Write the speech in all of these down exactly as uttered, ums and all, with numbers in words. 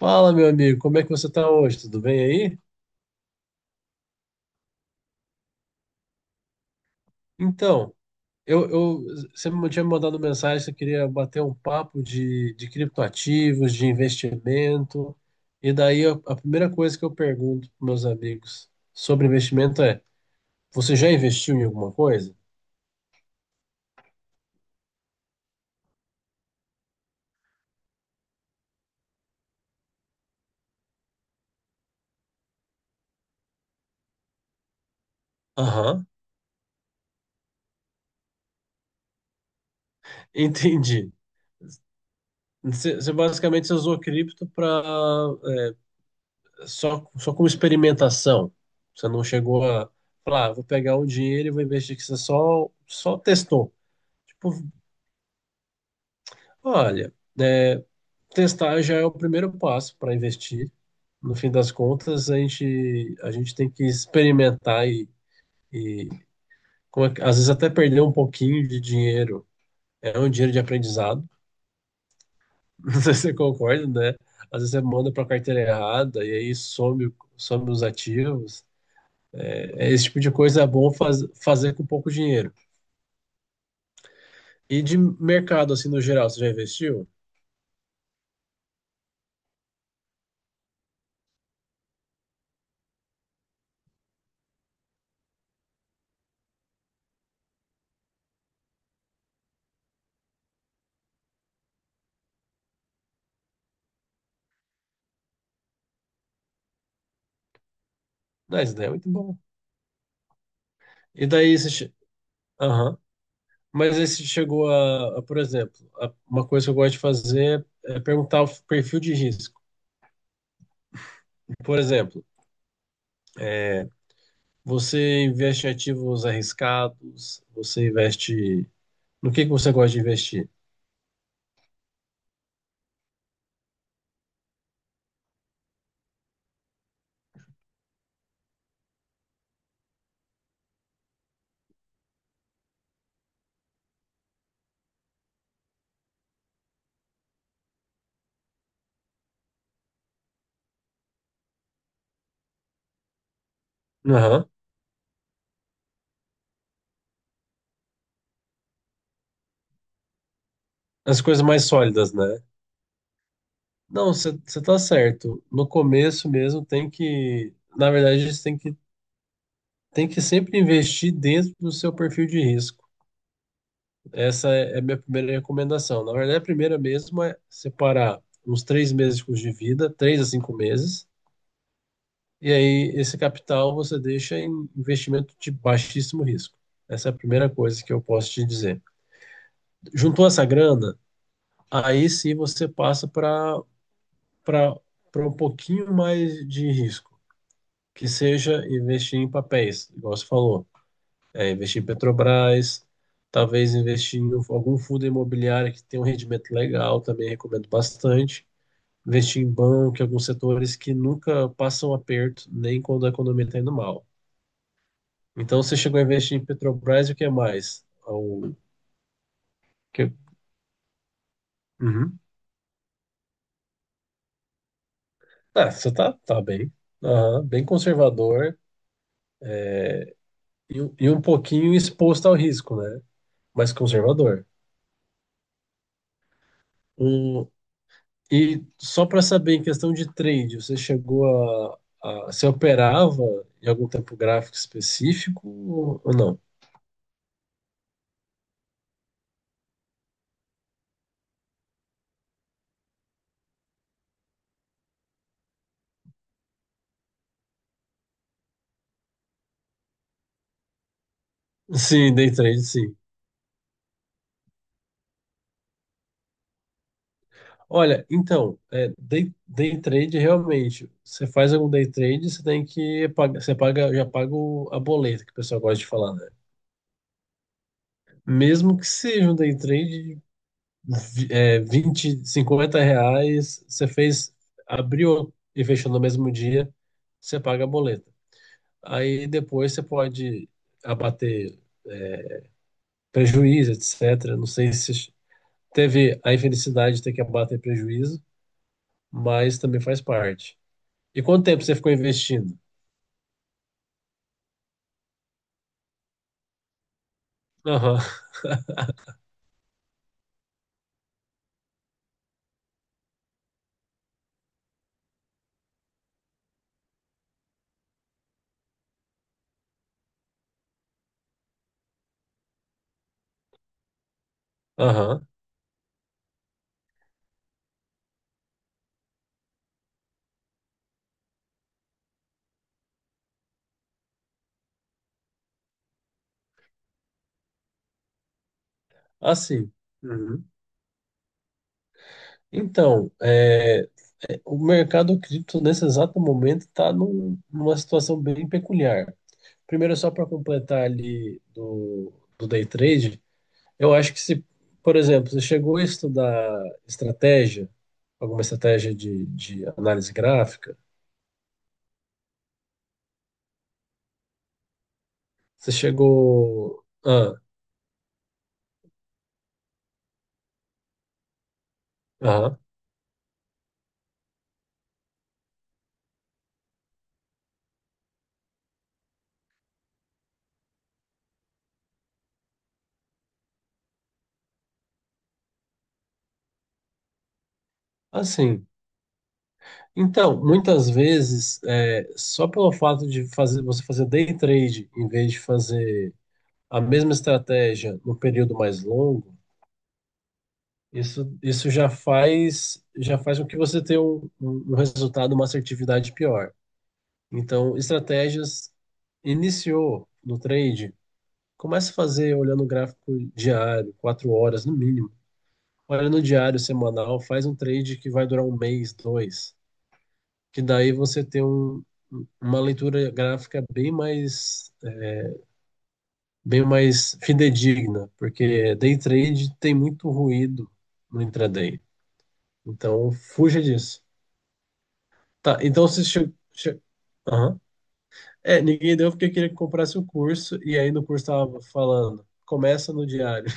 Fala, meu amigo, como é que você tá hoje? Tudo bem aí? Então, eu, eu, você me tinha me mandado mensagem, você queria bater um papo de, de criptoativos, de investimento, e daí a, a primeira coisa que eu pergunto para meus amigos sobre investimento é: você já investiu em alguma coisa? Aham. Entendi. Você, você basicamente você usou cripto para só, só como experimentação. Você não chegou a falar, "Ah, vou pegar um dinheiro e vou investir", que você só, só testou. Tipo, olha, é, testar já é o primeiro passo para investir. No fim das contas, a gente, a gente tem que experimentar e, e como é que- às vezes até perder um pouquinho de dinheiro. É um dinheiro de aprendizado, não sei se você concorda, né? Às vezes você manda para a carteira errada e aí some, some os ativos. É, esse tipo de coisa é bom faz- fazer com pouco dinheiro. E de mercado, assim, no geral, você já investiu? Não, isso daí é muito bom. E daí você... che- Mas aí você chegou a, a, por exemplo, a- uma coisa que eu gosto de fazer é perguntar o perfil de risco. Por exemplo, é, você investe em ativos arriscados, você investe. No que que você gosta de investir? Aham. As coisas mais sólidas, né? Não, você tá certo. No começo mesmo tem que. Na verdade, você tem que, tem que sempre investir dentro do seu perfil de risco. Essa é é a minha primeira recomendação. Na verdade, a primeira mesmo é separar uns três meses de custo de vida, três a cinco meses, e aí esse capital você deixa em investimento de baixíssimo risco. Essa é a primeira coisa que eu posso te dizer. Juntou essa grana, aí sim você passa para para para um pouquinho mais de risco, que seja investir em papéis, igual você falou. É, investir em Petrobras, talvez investir em algum fundo imobiliário que tem um rendimento legal, também recomendo bastante. Investir em banco, em alguns setores que nunca passam aperto, nem quando a economia está indo mal. Então você chegou a investir em Petrobras e o que mais? O que... Uhum. Ah, você tá, tá bem, aham, bem conservador e, um- e um pouquinho exposto ao risco, né? Mas conservador. Um, E só para saber, em questão de trade, você chegou a, a você operava em algum tempo gráfico específico ou ou não? Sim, day trade, sim. Olha, então, é, day, day trade realmente, você faz algum day trade, você tem que pagar, você paga, já paga o- a boleta que o pessoal gosta de falar, né? Mesmo que seja um day trade, vi- é, vinte, cinquenta reais, você fez, abriu e fechou no mesmo dia, você paga a boleta. Aí depois você pode abater prejuízo, etecetera. Não sei se teve a infelicidade de ter que abater prejuízo, mas também faz parte. E quanto tempo você ficou investindo? Aham, aham. Assim. Uhum. Então, é, é, o mercado cripto nesse exato momento está numa situação bem peculiar. Primeiro, só para completar ali do, do day trade, eu acho que se, por exemplo, você chegou a estudar estratégia, alguma estratégia de, de análise gráfica, você chegou. Ah, aham. Assim. Então, muitas vezes, é, só pelo fato de fazer, você fazer day trade em vez de fazer a mesma estratégia no período mais longo, isso, isso já faz, já faz com que você tenha um, um um resultado, uma assertividade pior. Então, estratégias iniciou no trade, começa a fazer olhando o gráfico diário, quatro horas no mínimo. Olha no diário semanal, faz um trade que vai durar um mês, dois. Que daí você tem um, uma leitura gráfica bem mais, bem mais fidedigna, porque day trade tem muito ruído no intraday. Então, fuja disso. Tá, então se che... che- Aham. É, ninguém deu porque queria que comprasse o curso, e aí no curso tava falando, começa no diário.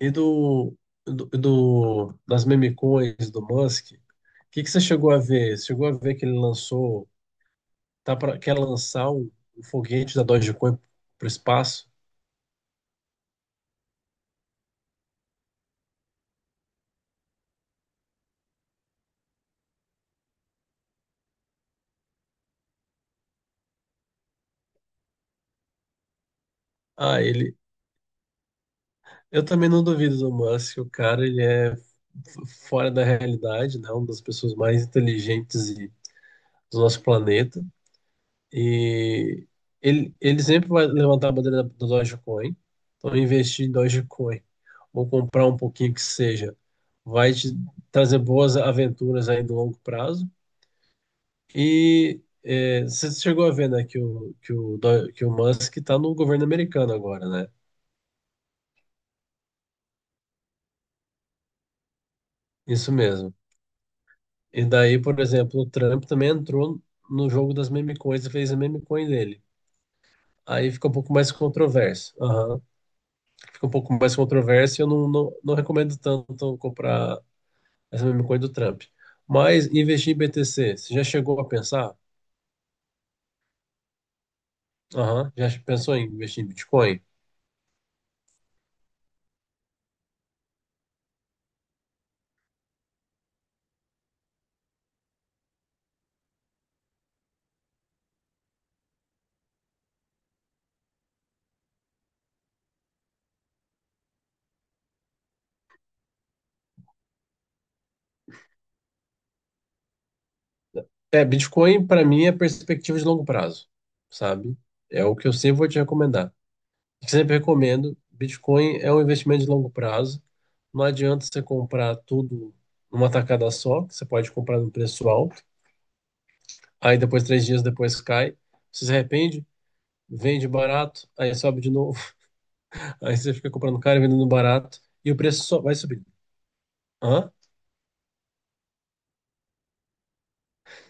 E do, do, do- das meme coins do Musk, o que, que você chegou a ver? Você chegou a ver que ele lançou, tá pra, quer lançar o, o foguete da Dogecoin para o espaço? Ah, ele. Eu também não duvido do Musk, o cara ele é f- fora da realidade, né? Uma das pessoas mais inteligentes e- do nosso planeta. E ele, ele sempre vai levantar a bandeira da- do Dogecoin. Então, investir em Dogecoin ou comprar um pouquinho que seja vai te trazer boas aventuras aí no longo prazo. E é, você chegou a ver, né, que o, que o, Do- que o Musk está no governo americano agora, né? Isso mesmo. E daí, por exemplo, o Trump também entrou no jogo das meme coins e fez a meme coin dele. Aí fica um pouco mais controverso. Aham. Fica um pouco mais controverso e eu não, não, não recomendo tanto comprar essa mesma coisa do Trump. Mas investir em B T C, você já chegou a pensar? Aham, já pensou em investir em Bitcoin? É, Bitcoin para mim é perspectiva de longo prazo, sabe? É o que eu sempre vou te recomendar. Sempre recomendo, Bitcoin é um investimento de longo prazo. Não adianta você comprar tudo numa tacada só, que você pode comprar num preço alto, aí depois, três dias depois cai, você se arrepende, vende barato, aí sobe de novo. Aí você fica comprando caro e vendendo barato e o preço só vai subindo. Hã?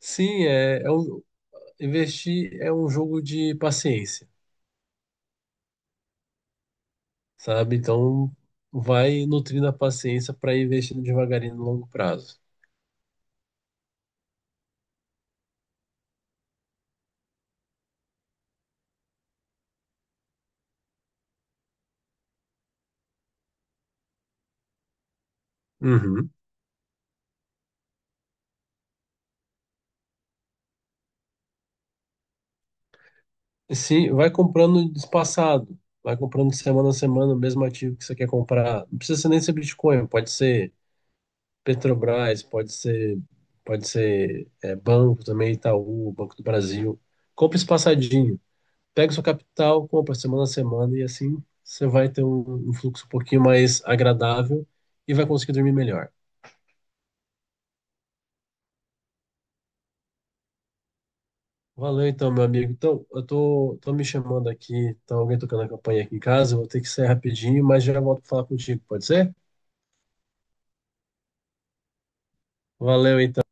Sim, é, é um, investir é um jogo de paciência, sabe? Então vai nutrindo a paciência para ir investindo devagarinho no longo prazo. Uhum. Sim, vai comprando espaçado, vai comprando semana a semana o mesmo ativo que você quer comprar. Não precisa ser nem ser Bitcoin, pode ser Petrobras, pode ser, pode ser é, banco também, Itaú, Banco do Brasil. Compra espaçadinho. Pega sua capital, compra semana a semana e assim você vai ter um, um fluxo um pouquinho mais agradável e vai conseguir dormir melhor. Valeu então, meu amigo. Então, eu tô, tô me chamando aqui, tá alguém tocando a campanha aqui em casa, eu vou ter que sair rapidinho, mas já volto pra falar contigo, pode ser? Valeu então.